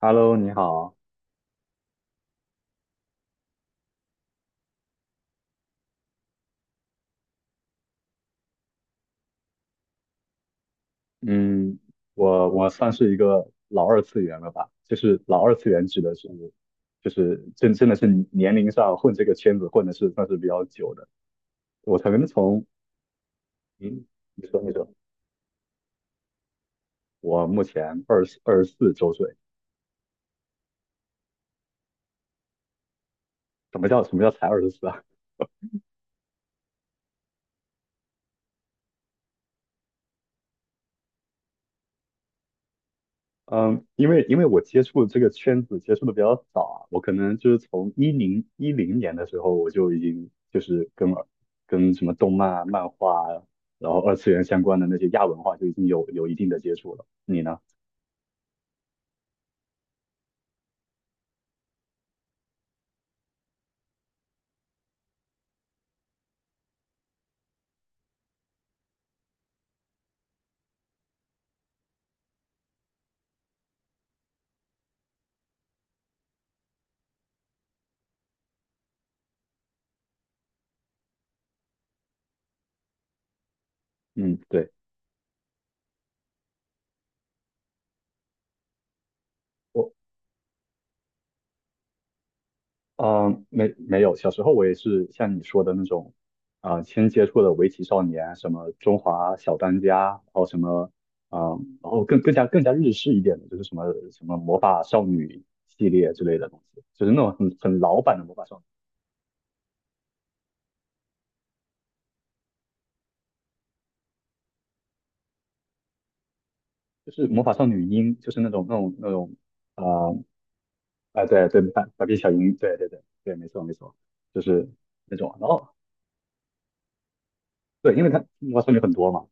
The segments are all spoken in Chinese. Hello，你好。嗯，我算是一个老二次元了吧？就是老二次元指的是，就是真的是年龄上混这个圈子混的是算是比较久的。我曾从，嗯，你说，我目前二十四周岁。什么叫才二十四啊？嗯，因为我接触这个圈子接触的比较早啊。我可能就是从1010年的时候，我就已经就是跟什么动漫啊、漫画啊，然后二次元相关的那些亚文化就已经有一定的接触了。你呢？嗯，对，我。嗯，没有，小时候我也是像你说的那种。先接触的围棋少年，什么中华小当家，然后什么，啊、然后更加日式一点的，就是什么魔法少女系列之类的东西，就是那种很老版的魔法少女，就是魔法少女樱，就是那种，啊、对对，百变小樱，对对对对，没错没错，就是那种。然后对，因为它魔法少女很多嘛。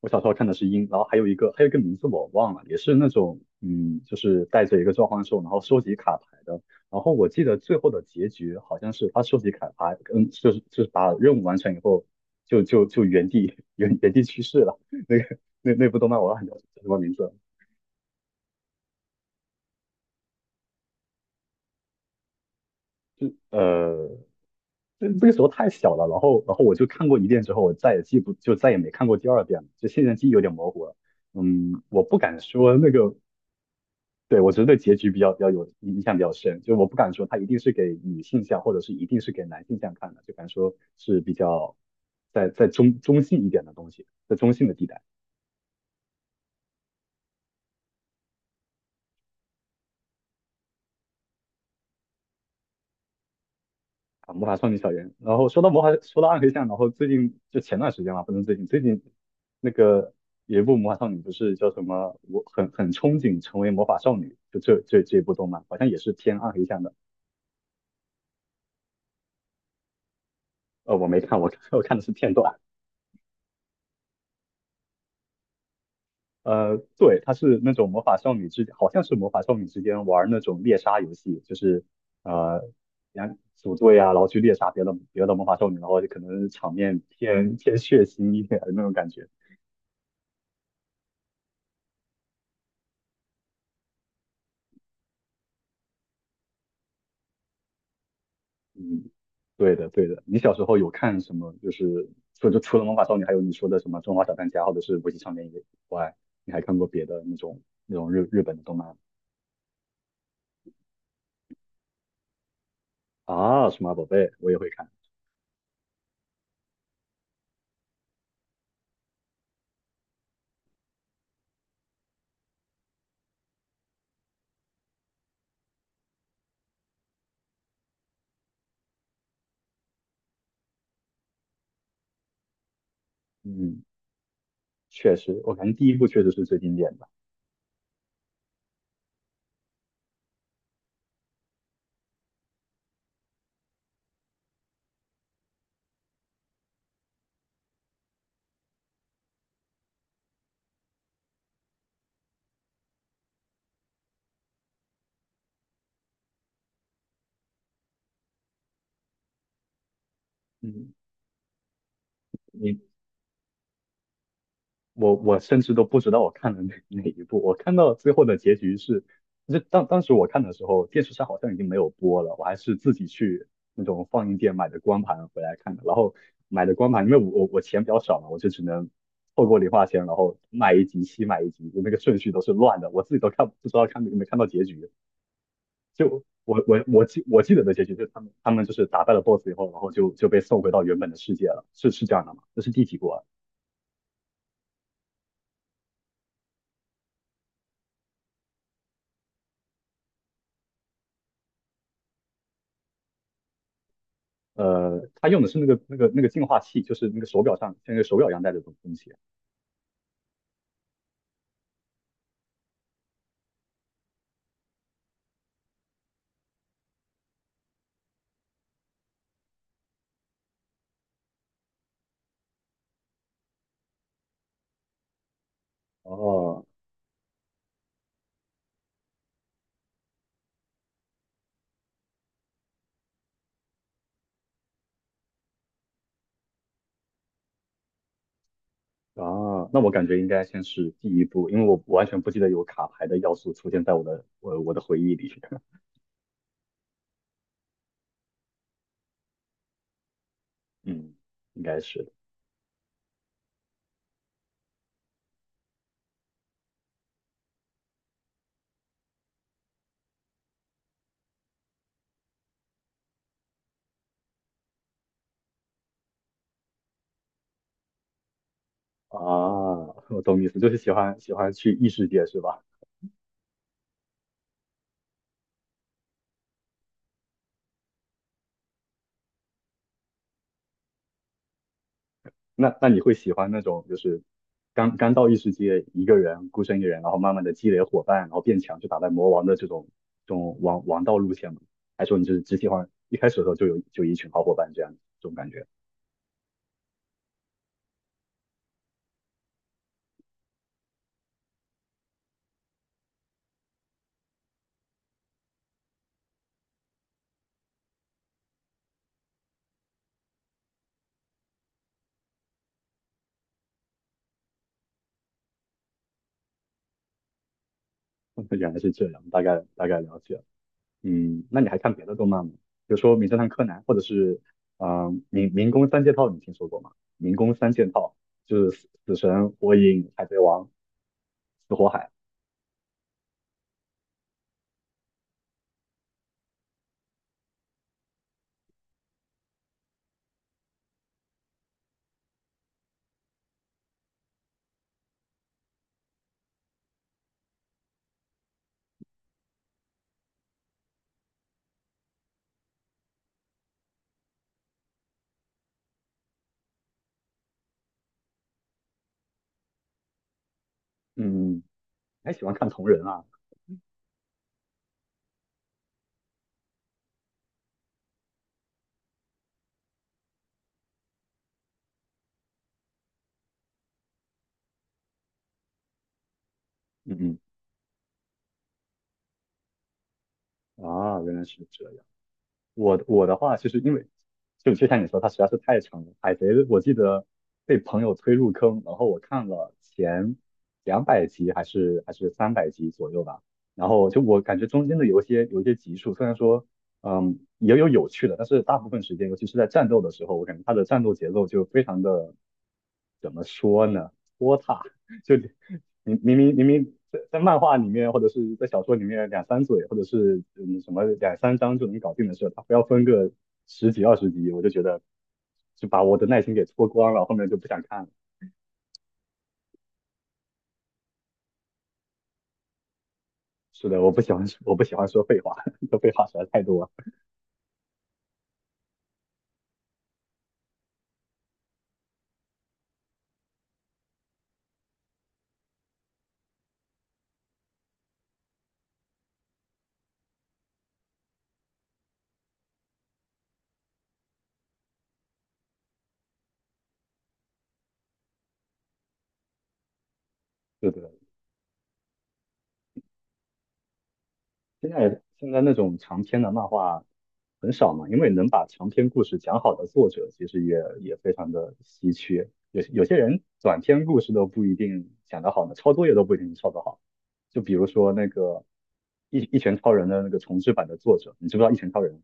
我小时候看的是鹰，然后还有一个名字我忘了，也是那种。嗯，就是带着一个召唤兽，然后收集卡牌的。然后我记得最后的结局好像是他收集卡牌，嗯，就是把任务完成以后，就原地原地去世了。那部动漫我忘了叫什么名字。呃，那个时候太小了，然后我就看过一遍之后，我再也记不就再也没看过第二遍了，就现在记忆有点模糊了。嗯，我不敢说。对，我觉得对结局比较有印象比较深，就我不敢说它一定是给女性向，或者是一定是给男性向看的，就敢说是比较在中性一点的东西，在中性的地带。啊，《魔法少女小圆》。然后说到魔法，说到暗黑向，然后最近就前段时间嘛，不能最近。最近那个有一部魔法少女不是叫什么，我很憧憬成为魔法少女，就这一部动漫，好像也是偏暗黑向的。我没看，我 我看的是片段。对，它是那种魔法少女。好像是魔法少女之间玩那种猎杀游戏。就是，呃，两组队啊，然后去猎杀别的魔法少女，然后就可能场面偏血腥一点的那种感觉。嗯，对的，对的。你小时候有看什么？就是除了魔法少女，还有你说的什么《中华小当家》或者是《围棋少年》以外，你还看过别的那种日本的动漫啊？数码宝贝我也会看。嗯，确实，我感觉第一部确实是最经典的。嗯。你我甚至都不知道我看了哪一部，我看到最后的结局是，当时我看的时候，电视上好像已经没有播了，我还是自己去那种放映店买的光盘回来看的。然后买的光盘，因为我钱比较少嘛，我就只能透过零花钱，然后买一集，就那个顺序都是乱的，我自己都看不知道看有没有看到结局，就我记得的结局就是他们就是打败了 BOSS 以后，然后就被送回到原本的世界了，是这样的吗？这是第几部啊？他用的是那个净化器，就是那个手表上像那个手表一样戴的东西。哦，啊，那我感觉应该先是第一步，因为我完全不记得有卡牌的要素出现在我的回忆里。嗯，应该是的。啊 我懂意思，就是喜欢去异世界是吧？那你会喜欢那种就是刚刚到异世界一个人孤身一人，然后慢慢的积累伙伴，然后变强去打败魔王的这种王道路线吗？还是说你就是只喜欢一开始的时候就有就一群好伙伴这样这种感觉？原来是这样，大概大概了解了。嗯，那你还看别的动漫吗？比如说《名侦探柯南》，或者是民工三件套，你听说过吗？民工三件套就是死神、火影、海贼王、死火海。嗯，嗯嗯，还喜欢看同人啊。嗯嗯。啊，原来是这样。我的话，其实因为就像你说，它实在是太长了。海贼，我记得被朋友推入坑，然后我看了前200集还是300集左右吧。然后就我感觉中间的有一些集数，虽然说也有有趣的，但是大部分时间，尤其是在战斗的时候，我感觉它的战斗节奏就非常的，怎么说呢，拖沓。就明明在漫画里面或者是在小说里面两三嘴或者是什么两三章就能搞定的事，他非要分个十几二十集，我就觉得就把我的耐心给搓光了，后面就不想看了。是的，我不喜欢说废话，说废话实在太多了。是的，现在那种长篇的漫画很少嘛，因为能把长篇故事讲好的作者其实也非常的稀缺。有些人短篇故事都不一定讲得好呢，抄作业都不一定抄得好。就比如说那个一拳超人的那个重制版的作者，你知不知道一拳超人？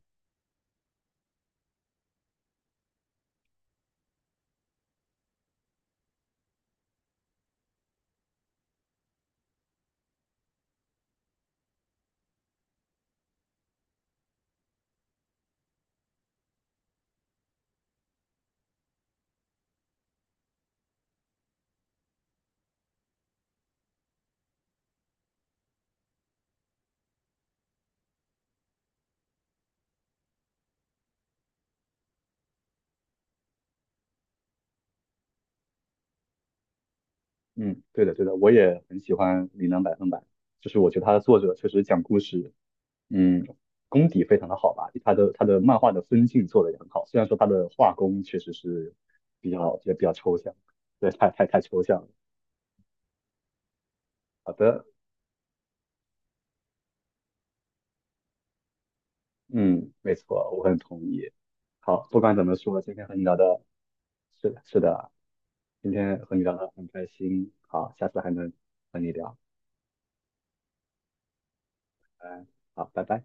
嗯，对的对的，我也很喜欢《琳能百分百》，就是我觉得他的作者确实讲故事。嗯，功底非常的好吧，他的漫画的分镜做得也很好，虽然说他的画工确实是比较也比较抽象。对，太抽象了。好的。嗯，没错，我很同意。好，不管怎么说，今天和你聊的，是的，是的，今天和你聊的很开心。好，下次还能和你聊。拜，好，拜拜。